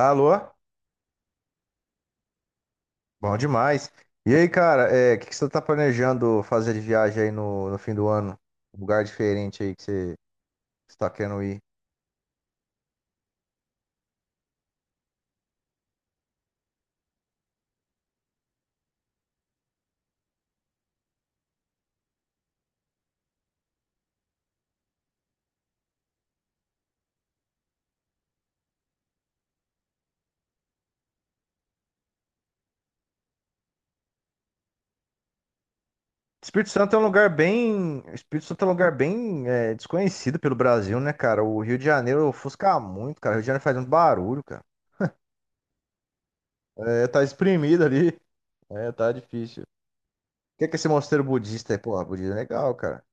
Alô? Bom demais. E aí, cara, o que você tá planejando fazer de viagem aí no fim do ano? Um lugar diferente aí que você está querendo ir. Espírito Santo é um lugar bem, desconhecido pelo Brasil, né, cara? O Rio de Janeiro ofusca muito, cara. O Rio de Janeiro faz muito barulho, cara. É, tá espremido ali. É, tá difícil. O que esse mosteiro budista é? Pô, budista é legal, cara.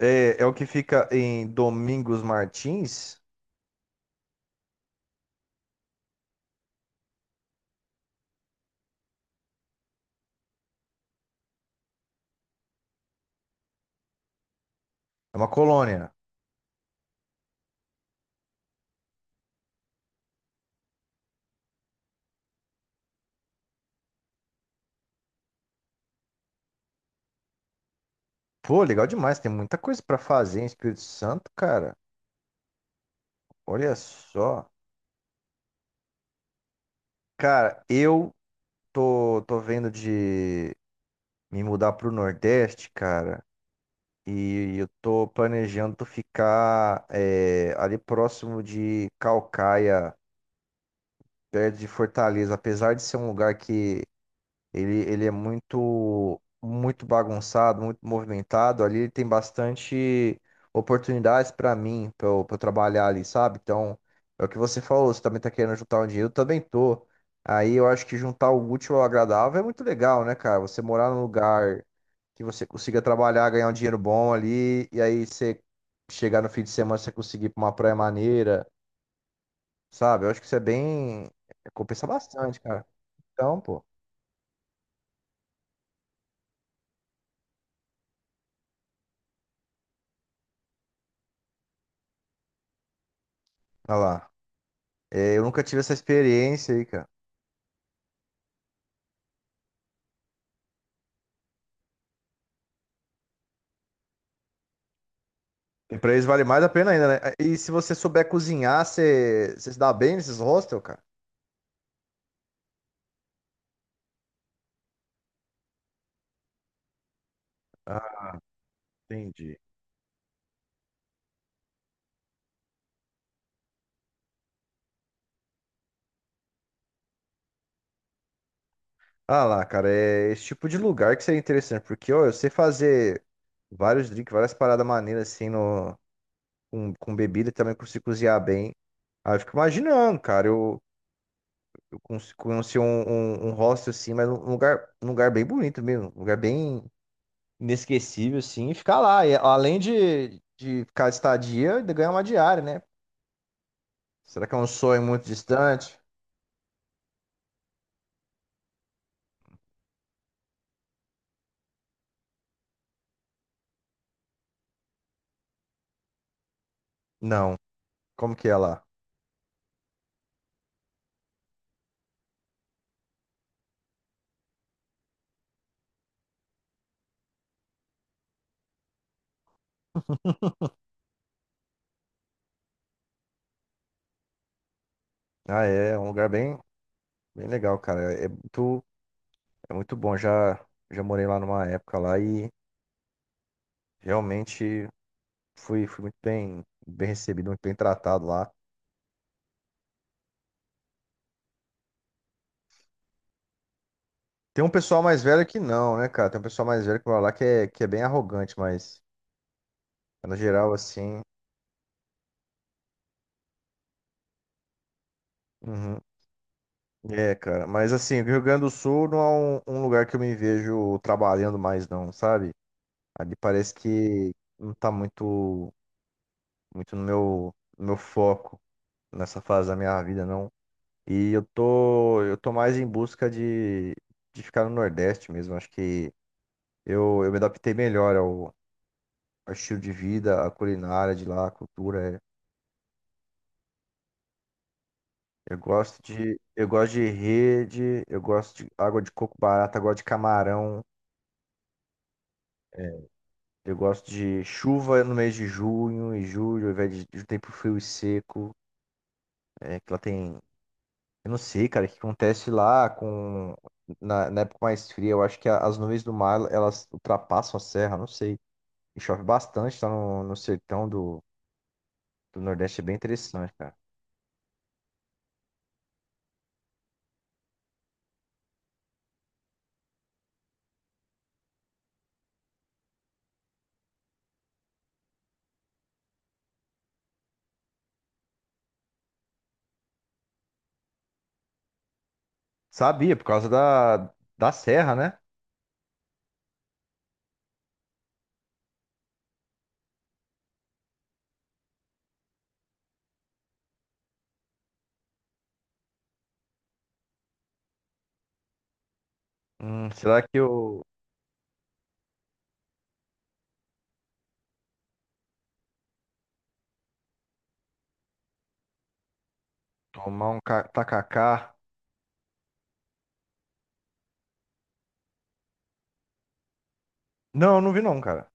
É, é o que fica em Domingos Martins. É uma colônia. Pô, legal demais. Tem muita coisa pra fazer em Espírito Santo, cara. Olha só. Cara, tô vendo de me mudar pro Nordeste, cara. E eu tô planejando ficar ali próximo de Calcaia, perto de Fortaleza. Apesar de ser um lugar que ele é muito bagunçado, muito movimentado. Ali ele tem bastante oportunidades para mim, para eu, pra eu trabalhar ali, sabe? Então, é o que você falou, você também tá querendo juntar um dinheiro, eu também tô. Aí eu acho que juntar o útil ao agradável é muito legal, né, cara? Você morar num lugar que você consiga trabalhar, ganhar um dinheiro bom ali, e aí você chegar no fim de semana, você conseguir ir pra uma praia maneira, sabe? Eu acho que isso é bem. Compensa bastante, cara. Então, pô, olha lá. É, eu nunca tive essa experiência aí, cara. E pra eles vale mais a pena ainda, né? E se você souber cozinhar, você se dá bem nesses hostels, cara? Ah, entendi. Ah lá, cara, é esse tipo de lugar que seria interessante, porque, ó, eu sei fazer vários drinks, várias paradas maneiras, assim, no, com bebida, e também consigo cozinhar bem. Aí eu fico imaginando, cara, eu cons- conheci um hostel, assim, mas um lugar bem bonito mesmo, um lugar bem inesquecível, assim, e ficar lá. De ficar estadia, ainda ganhar uma diária, né? Será que é um sonho muito distante? Não. Como que é lá? Ah, é, é um lugar bem, bem legal, cara. É muito bom. Já morei lá numa época lá e realmente fui muito bem, bem recebido, muito bem tratado lá. Tem um pessoal mais velho que não, né, cara? Tem um pessoal mais velho que mora lá que é bem arrogante, mas no geral, assim. Uhum. É, cara, mas assim, o Rio Grande do Sul não é um lugar que eu me vejo trabalhando mais, não, sabe? Ali parece que não tá muito no no meu foco nessa fase da minha vida, não. E eu tô mais em busca de ficar no Nordeste mesmo. Acho que eu me adaptei melhor ao estilo de vida, à culinária de lá, à cultura. É. Eu gosto de rede, eu gosto de água de coco barata, eu gosto de camarão. É. Eu gosto de chuva no mês de junho e julho, ao invés de tempo frio e seco. É, que lá tem. Eu não sei, cara, o que acontece lá com. Na época mais fria, eu acho que as nuvens do mar elas ultrapassam a serra, não sei. E chove bastante, tá no sertão do Nordeste, é bem interessante, cara. Sabia, por causa da serra, né? Será que eu tomar um tacacá? Não, eu não vi não, cara.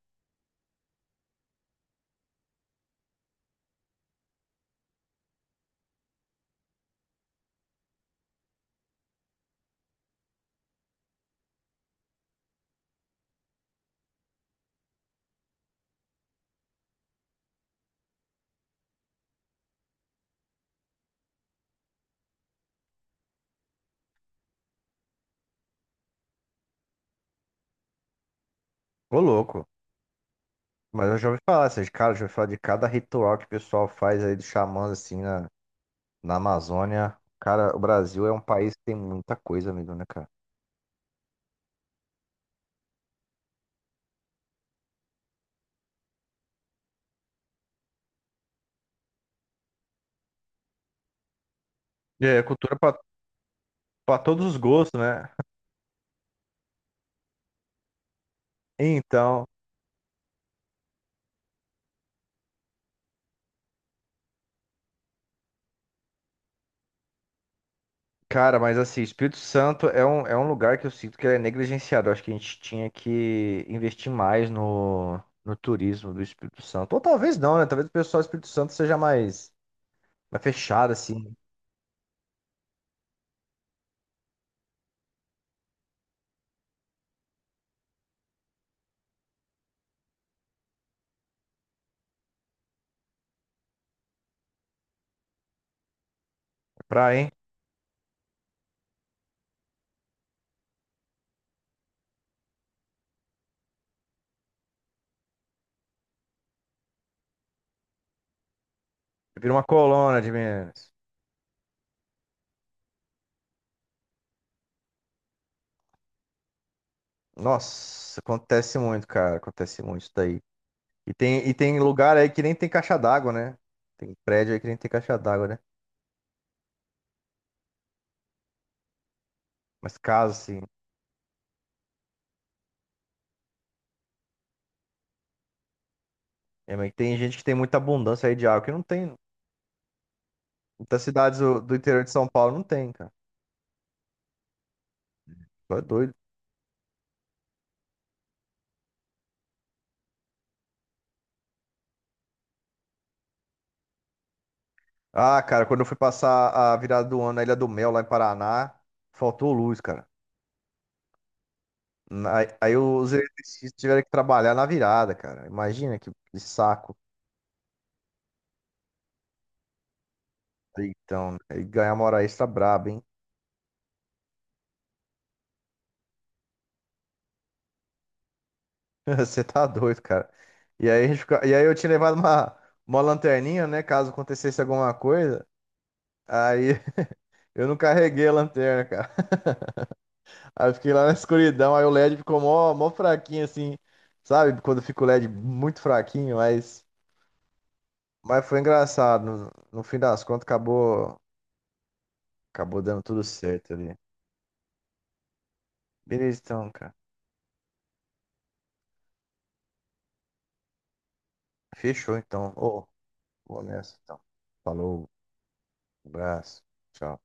Ô, louco. Mas eu já ouvi falar, assim, de cara, já ouvi falar de cada ritual que o pessoal faz aí dos xamãs, assim, na Amazônia. Cara, o Brasil é um país que tem muita coisa mesmo, né, cara? É, cultura pra todos os gostos, né? Então, cara, mas assim, Espírito Santo é é um lugar que eu sinto que ele é negligenciado. Eu acho que a gente tinha que investir mais no turismo do Espírito Santo. Ou talvez não, né? Talvez o pessoal do Espírito Santo seja mais, mais fechado, assim, pra, hein? Vira uma colônia de Minas. Nossa, acontece muito, cara. Acontece muito isso daí. E tem lugar aí que nem tem caixa d'água, né? Tem prédio aí que nem tem caixa d'água, né? Mas casa, assim. É, mas tem gente que tem muita abundância aí de água que não tem. Muitas cidades do interior de São Paulo não tem, cara. Só é doido. Ah, cara, quando eu fui passar a virada do ano na Ilha do Mel, lá em Paraná, faltou luz, cara. Na- Aí, os eletricistas tiveram que trabalhar na virada, cara. Imagina que saco. Então, aí ganhar uma hora extra braba, hein? Você tá doido, cara. E aí, a gente fica- e aí eu tinha levado uma lanterninha, né? Caso acontecesse alguma coisa. Aí eu não carreguei a lanterna, cara. Aí eu fiquei lá na escuridão, aí o LED ficou mó fraquinho, assim. Sabe? Quando fica o LED muito fraquinho, mas foi engraçado. No fim das contas, acabou dando tudo certo ali. Beleza, então, cara. Fechou, então. Ô, vou nessa, então. Falou, abraço, tchau.